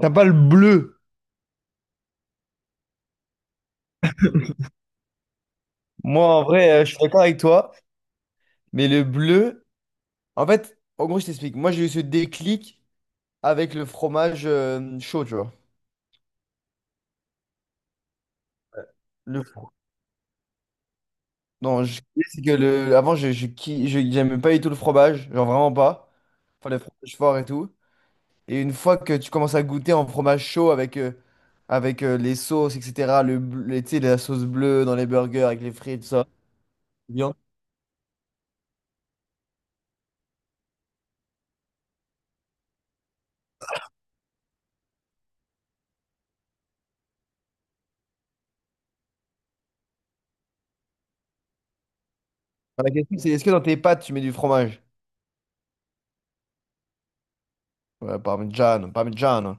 T'as pas le bleu. Moi, en vrai, je suis d'accord avec toi, mais le bleu, en fait, en gros, je t'explique. Moi, j'ai eu ce déclic avec le fromage chaud, tu vois. Le fro- Non, je... c'est que le... avant, j'aimais pas du tout le fromage, genre vraiment pas. Enfin, le fromage fort et tout. Et une fois que tu commences à goûter en fromage chaud avec, les sauces, etc., tu sais, la sauce bleue dans les burgers avec les frites, tout ça. Bien. La question, c'est est-ce que dans tes pâtes, tu mets du fromage? Ouais, parmigiano, parmigiano.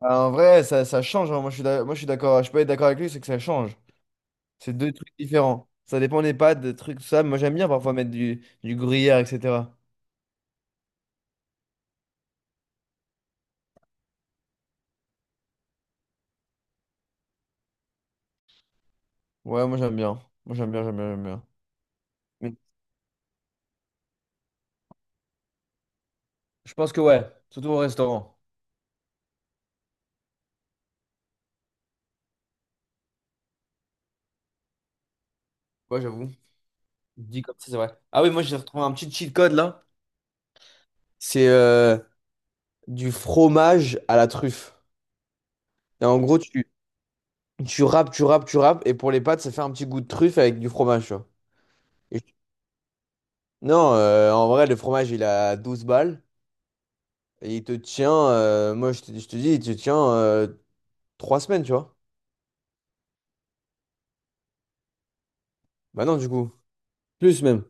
Ah, en vrai, ça change, hein. Moi, je suis d'accord. Je peux être d'accord avec lui, c'est que ça change. C'est deux trucs différents. Ça dépend des pâtes, des trucs, tout ça. Moi, j'aime bien parfois mettre du gruyère, etc. Ouais, moi, j'aime bien. Moi, j'aime bien, j'aime bien, j'aime bien. Mais je pense que ouais, surtout au restaurant. Ouais, j'avoue. Je dis comme ça, c'est vrai. Ah oui, moi, j'ai retrouvé un petit cheat code là. C'est du fromage à la truffe. Et en gros, tu râpes, tu râpes, tu râpes. Et pour les pâtes, ça fait un petit goût de truffe avec du fromage, tu vois. Et- Non, en vrai, le fromage, il a 12 balles. Et il te tient, je te dis, il te tient 3 semaines, tu vois. Bah non, du coup. Plus même,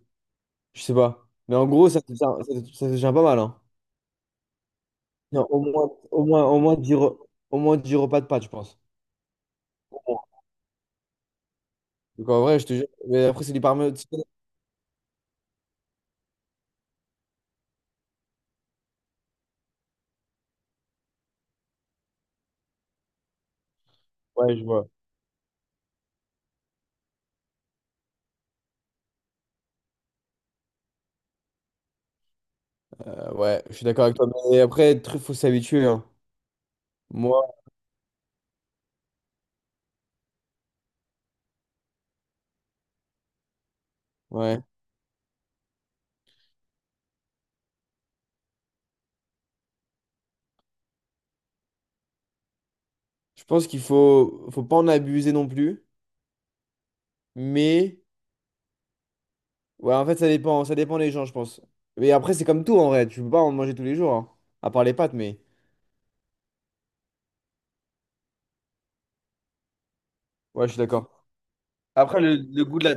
je sais pas. Mais en gros, ça te tient pas mal, hein. Non, au moins au moins 10 repas de pâtes, je pense. Au moins. Donc en vrai, je te jure. Mais après, c'est du parmesan. Ouais, je vois. Ouais, je suis d'accord avec toi. Mais après, il faut s'habituer, hein. Moi, ouais. Je pense qu'il faut, faut pas en abuser non plus. Mais, ouais, en fait, ça dépend des gens, je pense. Mais après, c'est comme tout, en vrai. Tu peux pas en manger tous les jours, hein. À part les pâtes, mais. Ouais, je suis d'accord. Après, le goût de la...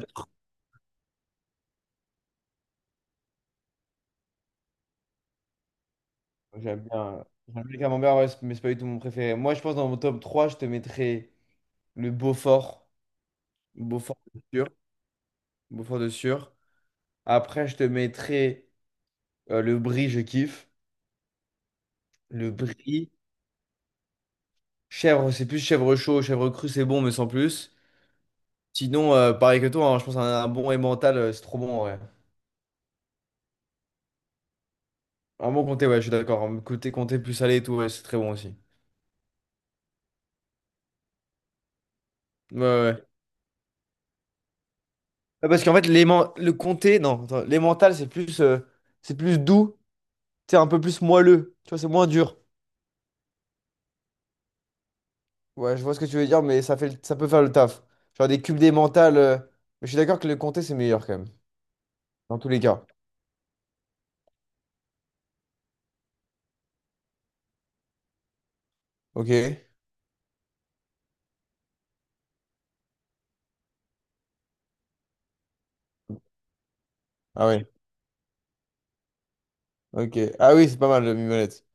J'aime bien, j'aime bien le camembert, ouais, c'est- mais c'est pas du tout mon préféré. Moi, je pense dans mon top 3 je te mettrais le Beaufort. Beaufort de sûr. Beaufort de sûr. Après, je te mettrais le brie, je kiffe. Le brie. Chèvre, c'est plus chèvre chaud. Chèvre cru, c'est bon, mais sans plus. Sinon, pareil que toi, hein, je pense un bon emmental, c'est trop bon, ouais. Un bon comté, ouais, je suis d'accord. Un comté, comté plus salé et tout, ouais, c'est très bon aussi. Ouais, ouais, ouais. Ah, parce qu'en fait, le comté, non, attends, les mentales, c'est plus doux, c'est un peu plus moelleux, tu vois, c'est moins dur. Ouais, je vois ce que tu veux dire, mais ça peut faire le taf. Genre des cubes des mentales, mais je suis d'accord que le comté, c'est meilleur quand même, dans tous les cas. Ok. Ah ouais. Ok. Ah oui, c'est pas mal, le mimolette.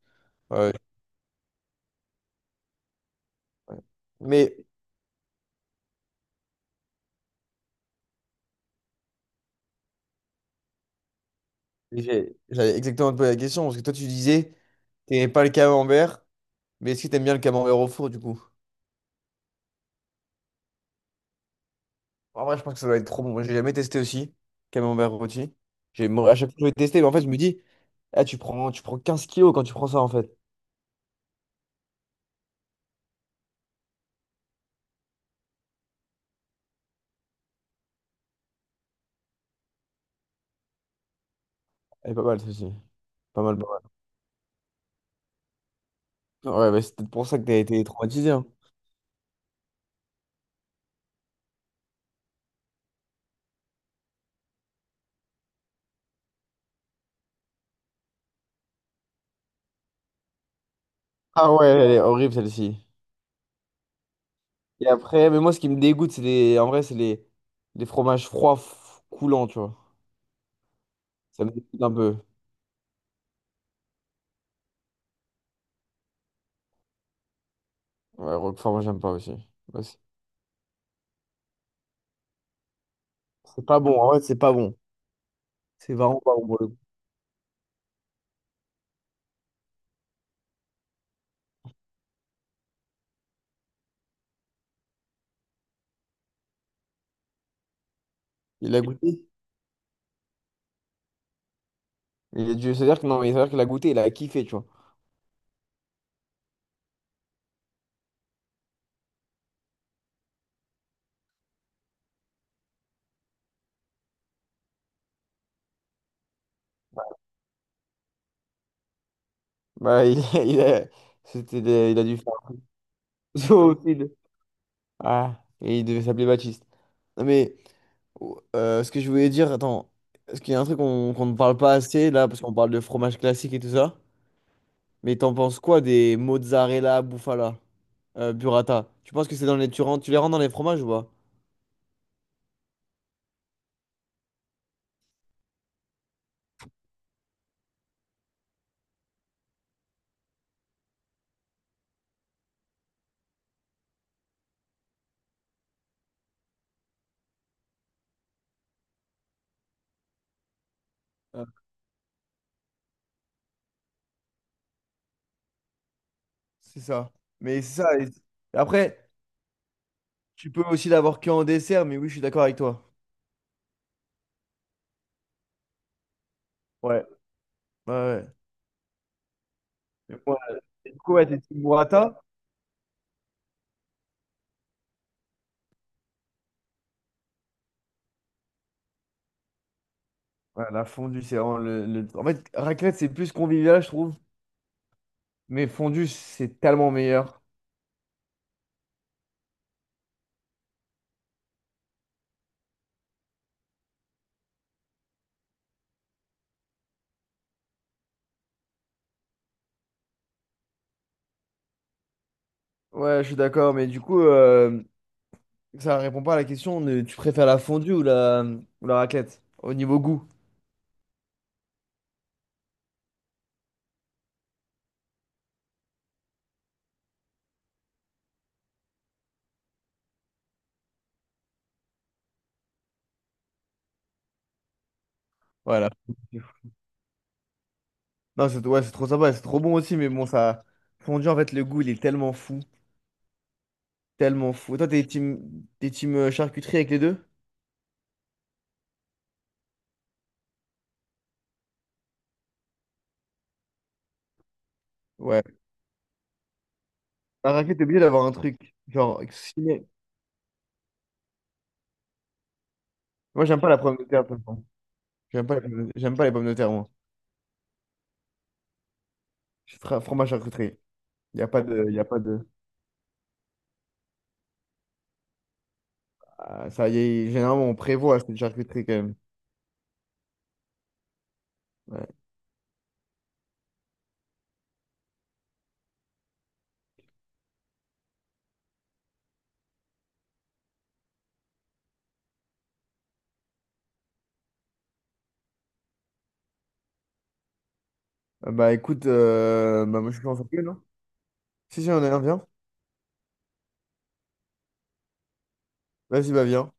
Ouais, ouais, ouais. Mais j'avais exactement posé la question, parce que toi, tu disais, t'aimais pas le camembert, mais est-ce que t'aimes bien le camembert au four, du coup? En vrai, je pense que ça doit être trop bon. Moi, j'ai jamais testé aussi, camembert rôti. J'ai, moi, à chaque fois que je vais tester, mais en fait, je me dis, ah, tu prends 15 kilos quand tu prends ça, en fait. Elle est pas mal, celle-ci. Pas mal, pas mal. Ouais, bah, c'est peut-être pour ça que t'as été traumatisé, hein. Ah ouais, elle est horrible, celle-ci. Et après, mais moi, ce qui me dégoûte, c'est les, en vrai, c'est les fromages coulants, tu vois. Ça me dégoûte un peu. Ouais, Roquefort, moi, j'aime pas aussi. Ouais, c'est pas bon, en vrai, c'est pas bon. C'est vraiment pas bon pour le coup. Il a goûté? Il a dû... C'est-à-dire que non, mais c'est-à-dire qu'il a goûté, il a kiffé, tu vois. Bah, il, il a, il a dû faire un aussi. Ah, et il devait s'appeler Baptiste. Non, mais ce que je voulais dire, attends, est-ce qu'il y a un truc qu'on ne parle pas assez là, parce qu'on parle de fromage classique et tout ça, mais t'en penses quoi des mozzarella, bufala, burrata? Tu penses que c'est dans les... tu les rends dans les fromages ou pas? Ah, c'est ça. Mais c'est ça. Et après, tu peux aussi l'avoir que en dessert, mais oui, je suis d'accord avec toi. Ouais, ouais, ouais. Mais moi, du coup, ouais, t'es team burrata. Ouais, la fondue, c'est vraiment en fait, raclette, c'est plus convivial, je trouve. Mais fondue, c'est tellement meilleur. Ouais, je suis d'accord, mais du coup, ça répond pas à la question de tu préfères la fondue ou la raclette au niveau goût. Ouais, la Non, c'est ouais, c'est trop sympa, c'est trop bon aussi, mais bon, ça. Fondue, en fait, le goût, il est tellement fou. Tellement fou. Toi, t'es team charcuterie avec les deux? Ouais. La raclette, t'es obligé d'avoir un truc. Genre, si- Moi, j'aime pas la pomme de terre, de toute j'aime pas les pommes de terre, moi. Je suis fromage charcuterie. Il n'y a pas de. Il y a pas de... Ah, ça y est, généralement, on prévoit cette charcuterie quand même. Ouais. Ah bah écoute, bah, moi je suis en non? Si, si, on est un, viens. Vas-y, bah viens.